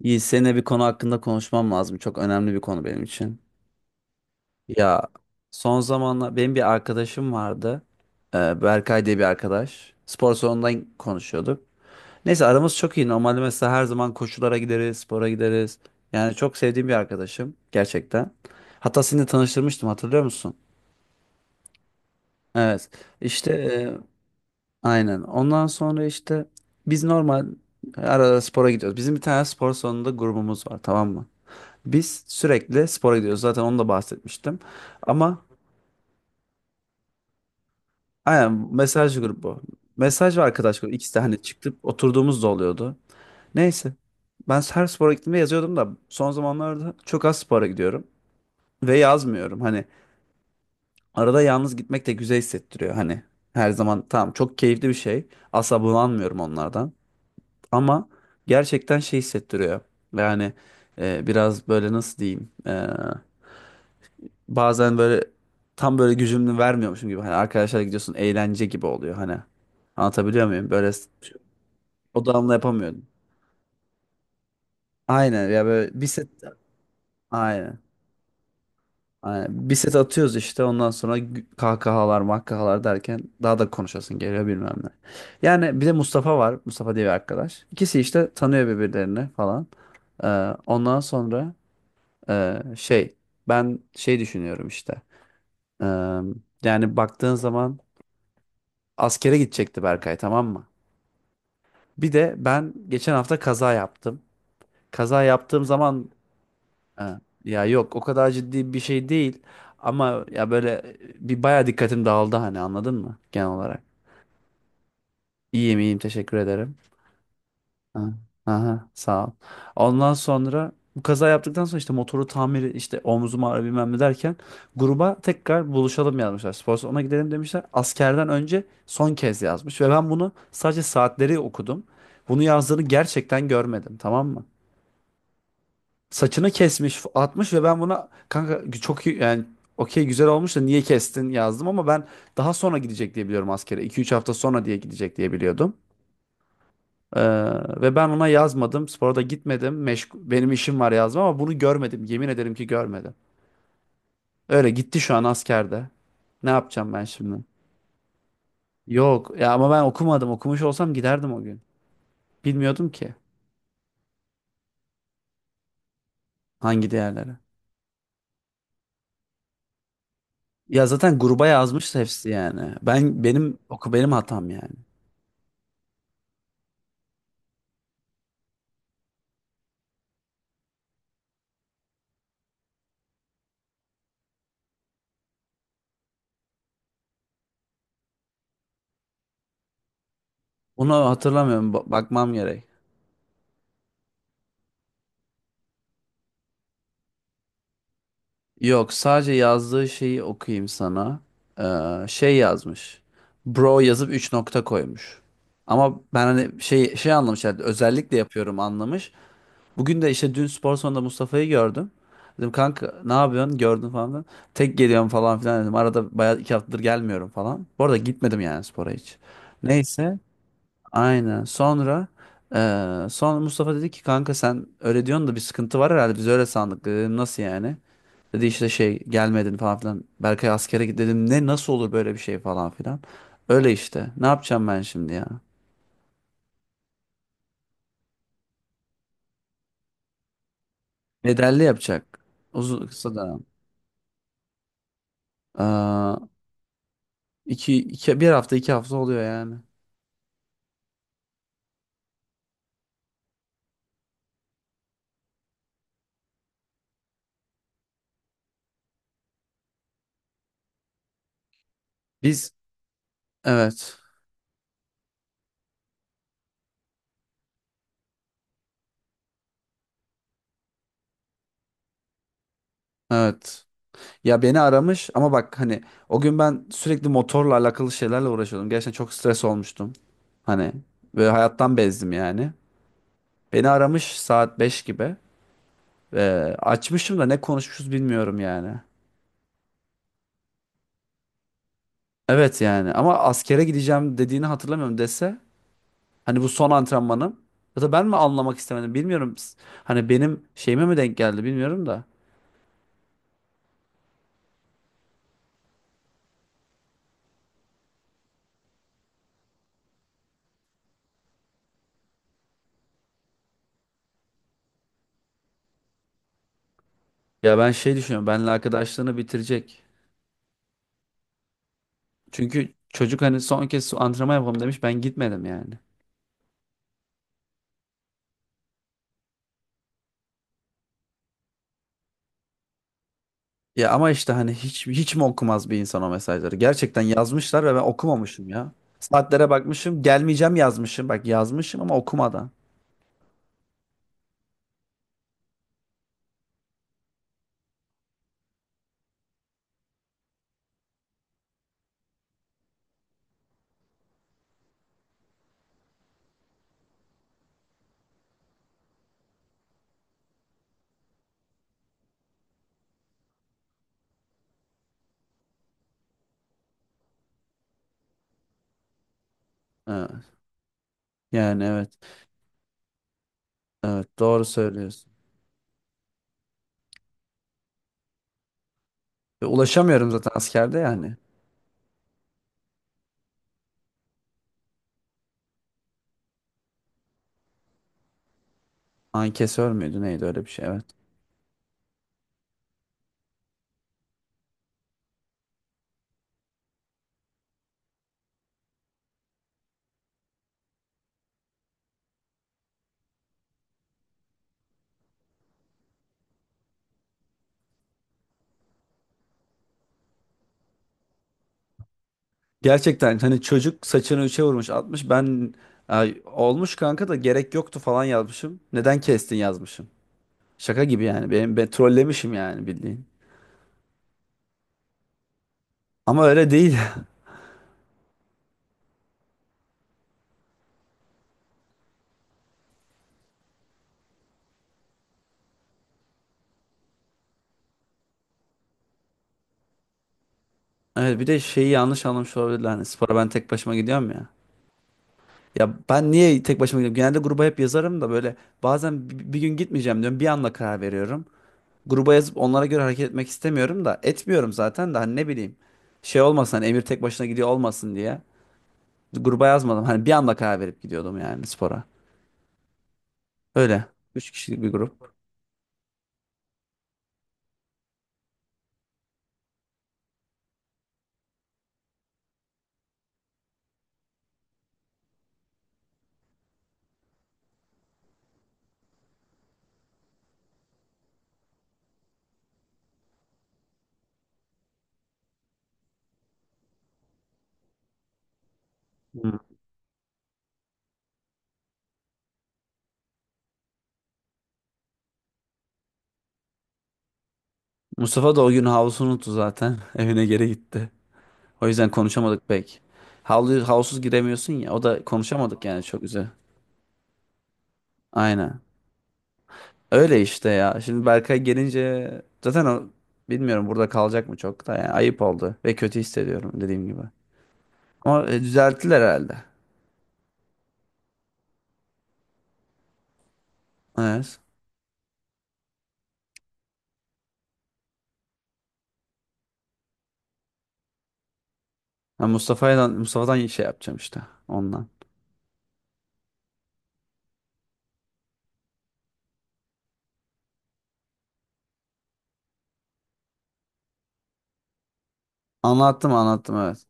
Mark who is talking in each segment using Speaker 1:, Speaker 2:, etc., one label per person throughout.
Speaker 1: İyi, seninle bir konu hakkında konuşmam lazım. Çok önemli bir konu benim için. Ya son zamanlar benim bir arkadaşım vardı. Berkay diye bir arkadaş. Spor salonundan konuşuyorduk. Neyse aramız çok iyi. Normalde mesela her zaman koşulara gideriz, spora gideriz. Yani çok sevdiğim bir arkadaşım gerçekten. Hatta seni de tanıştırmıştım, hatırlıyor musun? Evet. İşte aynen. Ondan sonra işte biz normal arada spora gidiyoruz. Bizim bir tane spor salonunda grubumuz var, tamam mı? Biz sürekli spora gidiyoruz. Zaten onu da bahsetmiştim. Ama aynen, mesaj grubu. Mesaj ve arkadaş grubu. İkisi de hani çıktıp oturduğumuz da oluyordu. Neyse. Ben her spora gittiğimde yazıyordum da son zamanlarda çok az spora gidiyorum. Ve yazmıyorum. Hani arada yalnız gitmek de güzel hissettiriyor. Hani her zaman tamam, çok keyifli bir şey. Asla bunalmıyorum onlardan. Ama gerçekten şey hissettiriyor. Yani biraz böyle, nasıl diyeyim. Bazen böyle tam böyle gücümü vermiyormuşum gibi, hani arkadaşlarla gidiyorsun eğlence gibi oluyor hani. Anlatabiliyor muyum? Odağımla yapamıyordum. Aynen ya, böyle bir set aynen. Aynen. Bir set atıyoruz işte ondan sonra kahkahalar makkahalar derken daha da konuşasın geliyor bilmem ne. Yani bir de Mustafa var. Mustafa diye bir arkadaş. İkisi işte tanıyor birbirlerini falan. Ee, ondan sonra e, şey ben şey düşünüyorum işte. Ee, yani baktığın zaman askere gidecekti Berkay, tamam mı? Bir de ben geçen hafta kaza yaptım. Kaza yaptığım zaman ha, ya yok, o kadar ciddi bir şey değil. Ama ya böyle bir baya dikkatim dağıldı, hani anladın mı genel olarak? İyiyim iyiyim, teşekkür ederim. Ha. Aha, sağ ol. Ondan sonra bu kaza yaptıktan sonra işte motoru tamiri işte omzum ağrı bilmem ne derken gruba tekrar buluşalım yazmışlar. Spor salonuna gidelim demişler. Askerden önce son kez yazmış ve ben bunu sadece saatleri okudum. Bunu yazdığını gerçekten görmedim, tamam mı? Saçını kesmiş atmış ve ben buna kanka çok iyi yani okey, güzel olmuş da niye kestin yazdım, ama ben daha sonra gidecek diye biliyorum askere. 2-3 hafta sonra diye gidecek diye biliyordum. Ee, ve ben ona yazmadım. Spora da gitmedim. Meşgul, benim işim var yazma ama bunu görmedim. Yemin ederim ki görmedim. Öyle gitti, şu an askerde. Ne yapacağım ben şimdi? Yok ya, ama ben okumadım. Okumuş olsam giderdim o gün. Bilmiyordum ki hangi değerlere. Ya zaten gruba yazmıştı hepsi yani. Ben benim oku, benim hatam yani. Onu hatırlamıyorum. Bakmam gerek. Yok, sadece yazdığı şeyi okuyayım sana. Yazmış. Bro yazıp 3 nokta koymuş. Ama ben hani şey anlamış yani, özellikle yapıyorum anlamış. Bugün de işte dün spor salonunda Mustafa'yı gördüm. Dedim kanka ne yapıyorsun gördün falan filan. Tek geliyorum falan filan dedim. Arada bayağı 2 haftadır gelmiyorum falan. Bu arada gitmedim yani spora hiç. Neyse aynen sonra sonra Mustafa dedi ki kanka sen öyle diyorsun da bir sıkıntı var herhalde, biz öyle sandık, dedim nasıl yani. Dedi işte şey gelmedin falan filan. Berkay askere git dedim. Ne, nasıl olur böyle bir şey falan filan. Öyle işte. Ne yapacağım ben şimdi ya? Bedelli yapacak. Uzun kısa dönem. Aa, 1 hafta 2 hafta oluyor yani. Biz evet. Evet. Ya beni aramış ama bak hani o gün ben sürekli motorla alakalı şeylerle uğraşıyordum. Gerçekten çok stres olmuştum. Hani ve hayattan bezdim yani. Beni aramış saat 5 gibi. Ee, açmışım da ne konuşmuşuz bilmiyorum yani. Evet yani ama askere gideceğim dediğini hatırlamıyorum, dese hani bu son antrenmanım, ya da ben mi anlamak istemedim bilmiyorum. Hani benim şeyime mi denk geldi bilmiyorum da. Ya ben şey düşünüyorum, benle arkadaşlığını bitirecek. Çünkü çocuk hani son kez antrenman yapalım demiş, ben gitmedim yani. Ya ama işte hani hiç hiç mi okumaz bir insan o mesajları? Gerçekten yazmışlar ve ben okumamışım ya. Saatlere bakmışım, gelmeyeceğim yazmışım. Bak yazmışım ama okumadan. Evet. Yani evet. Evet doğru söylüyorsun. Ve ulaşamıyorum zaten askerde yani. Ay, kesör müydü neydi öyle bir şey, evet. Gerçekten hani çocuk saçını üçe vurmuş atmış, ben ay, olmuş kanka da gerek yoktu falan yazmışım. Neden kestin yazmışım. Şaka gibi yani ben trollemişim yani bildiğin. Ama öyle değil. Evet, bir de şeyi yanlış anlamış olabilirler. Hani spora ben tek başıma gidiyorum ya. Ya ben niye tek başıma gidiyorum? Genelde gruba hep yazarım da böyle bazen gün gitmeyeceğim diyorum. Bir anda karar veriyorum. Gruba yazıp onlara göre hareket etmek istemiyorum da, etmiyorum zaten de, hani ne bileyim. Şey olmasın hani, Emir tek başına gidiyor olmasın diye. Gruba yazmadım. Hani bir anda karar verip gidiyordum yani spora. Öyle. 3 kişilik bir grup. Hı. Mustafa da o gün havlusunu unuttu zaten. Evine geri gitti. O yüzden konuşamadık pek. Havlu, havlusuz giremiyorsun ya. O da konuşamadık yani, çok güzel. Aynen. Öyle işte ya. Şimdi Berkay gelince zaten o bilmiyorum burada kalacak mı çok da, yani ayıp oldu ve kötü hissediyorum dediğim gibi. Ama düzelttiler herhalde. Evet. Ben Mustafa'dan şey yapacağım işte ondan. Anlattım anlattım, evet.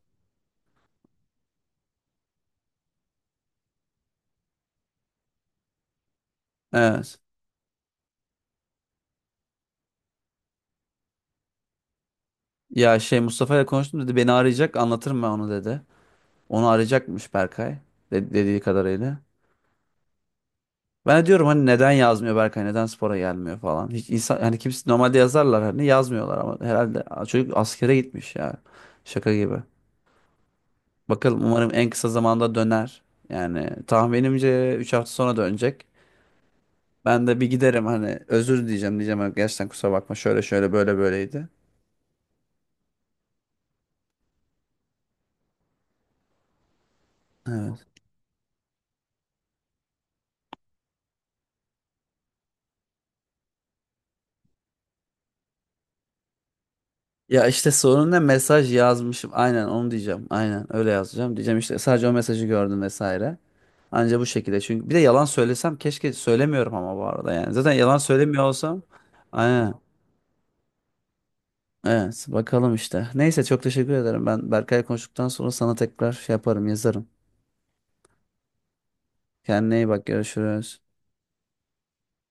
Speaker 1: Evet. Ya şey, Mustafa ile konuştum, dedi beni arayacak, anlatırım ben onu dedi. Onu arayacakmış Berkay, dediği kadarıyla. Ben de diyorum hani neden yazmıyor Berkay, neden spora gelmiyor falan. Hiç insan hani kimse normalde yazarlar hani, yazmıyorlar ama herhalde çocuk askere gitmiş ya. Şaka gibi. Bakalım, umarım en kısa zamanda döner. Yani tahminimce 3 hafta sonra dönecek. Ben de bir giderim hani özür diyeceğim diyeceğim, hani gerçekten kusura bakma şöyle şöyle böyle böyleydi. Evet. Ya işte sorun ne? Mesaj yazmışım. Aynen onu diyeceğim. Aynen öyle yazacağım. Diyeceğim işte sadece o mesajı gördüm vesaire. Anca bu şekilde. Çünkü bir de yalan söylesem keşke, söylemiyorum ama bu arada yani. Zaten yalan söylemiyor olsam. Aynen. Evet bakalım işte. Neyse çok teşekkür ederim. Ben Berkay'la konuştuktan sonra sana tekrar şey yaparım, yazarım. Kendine iyi bak, görüşürüz.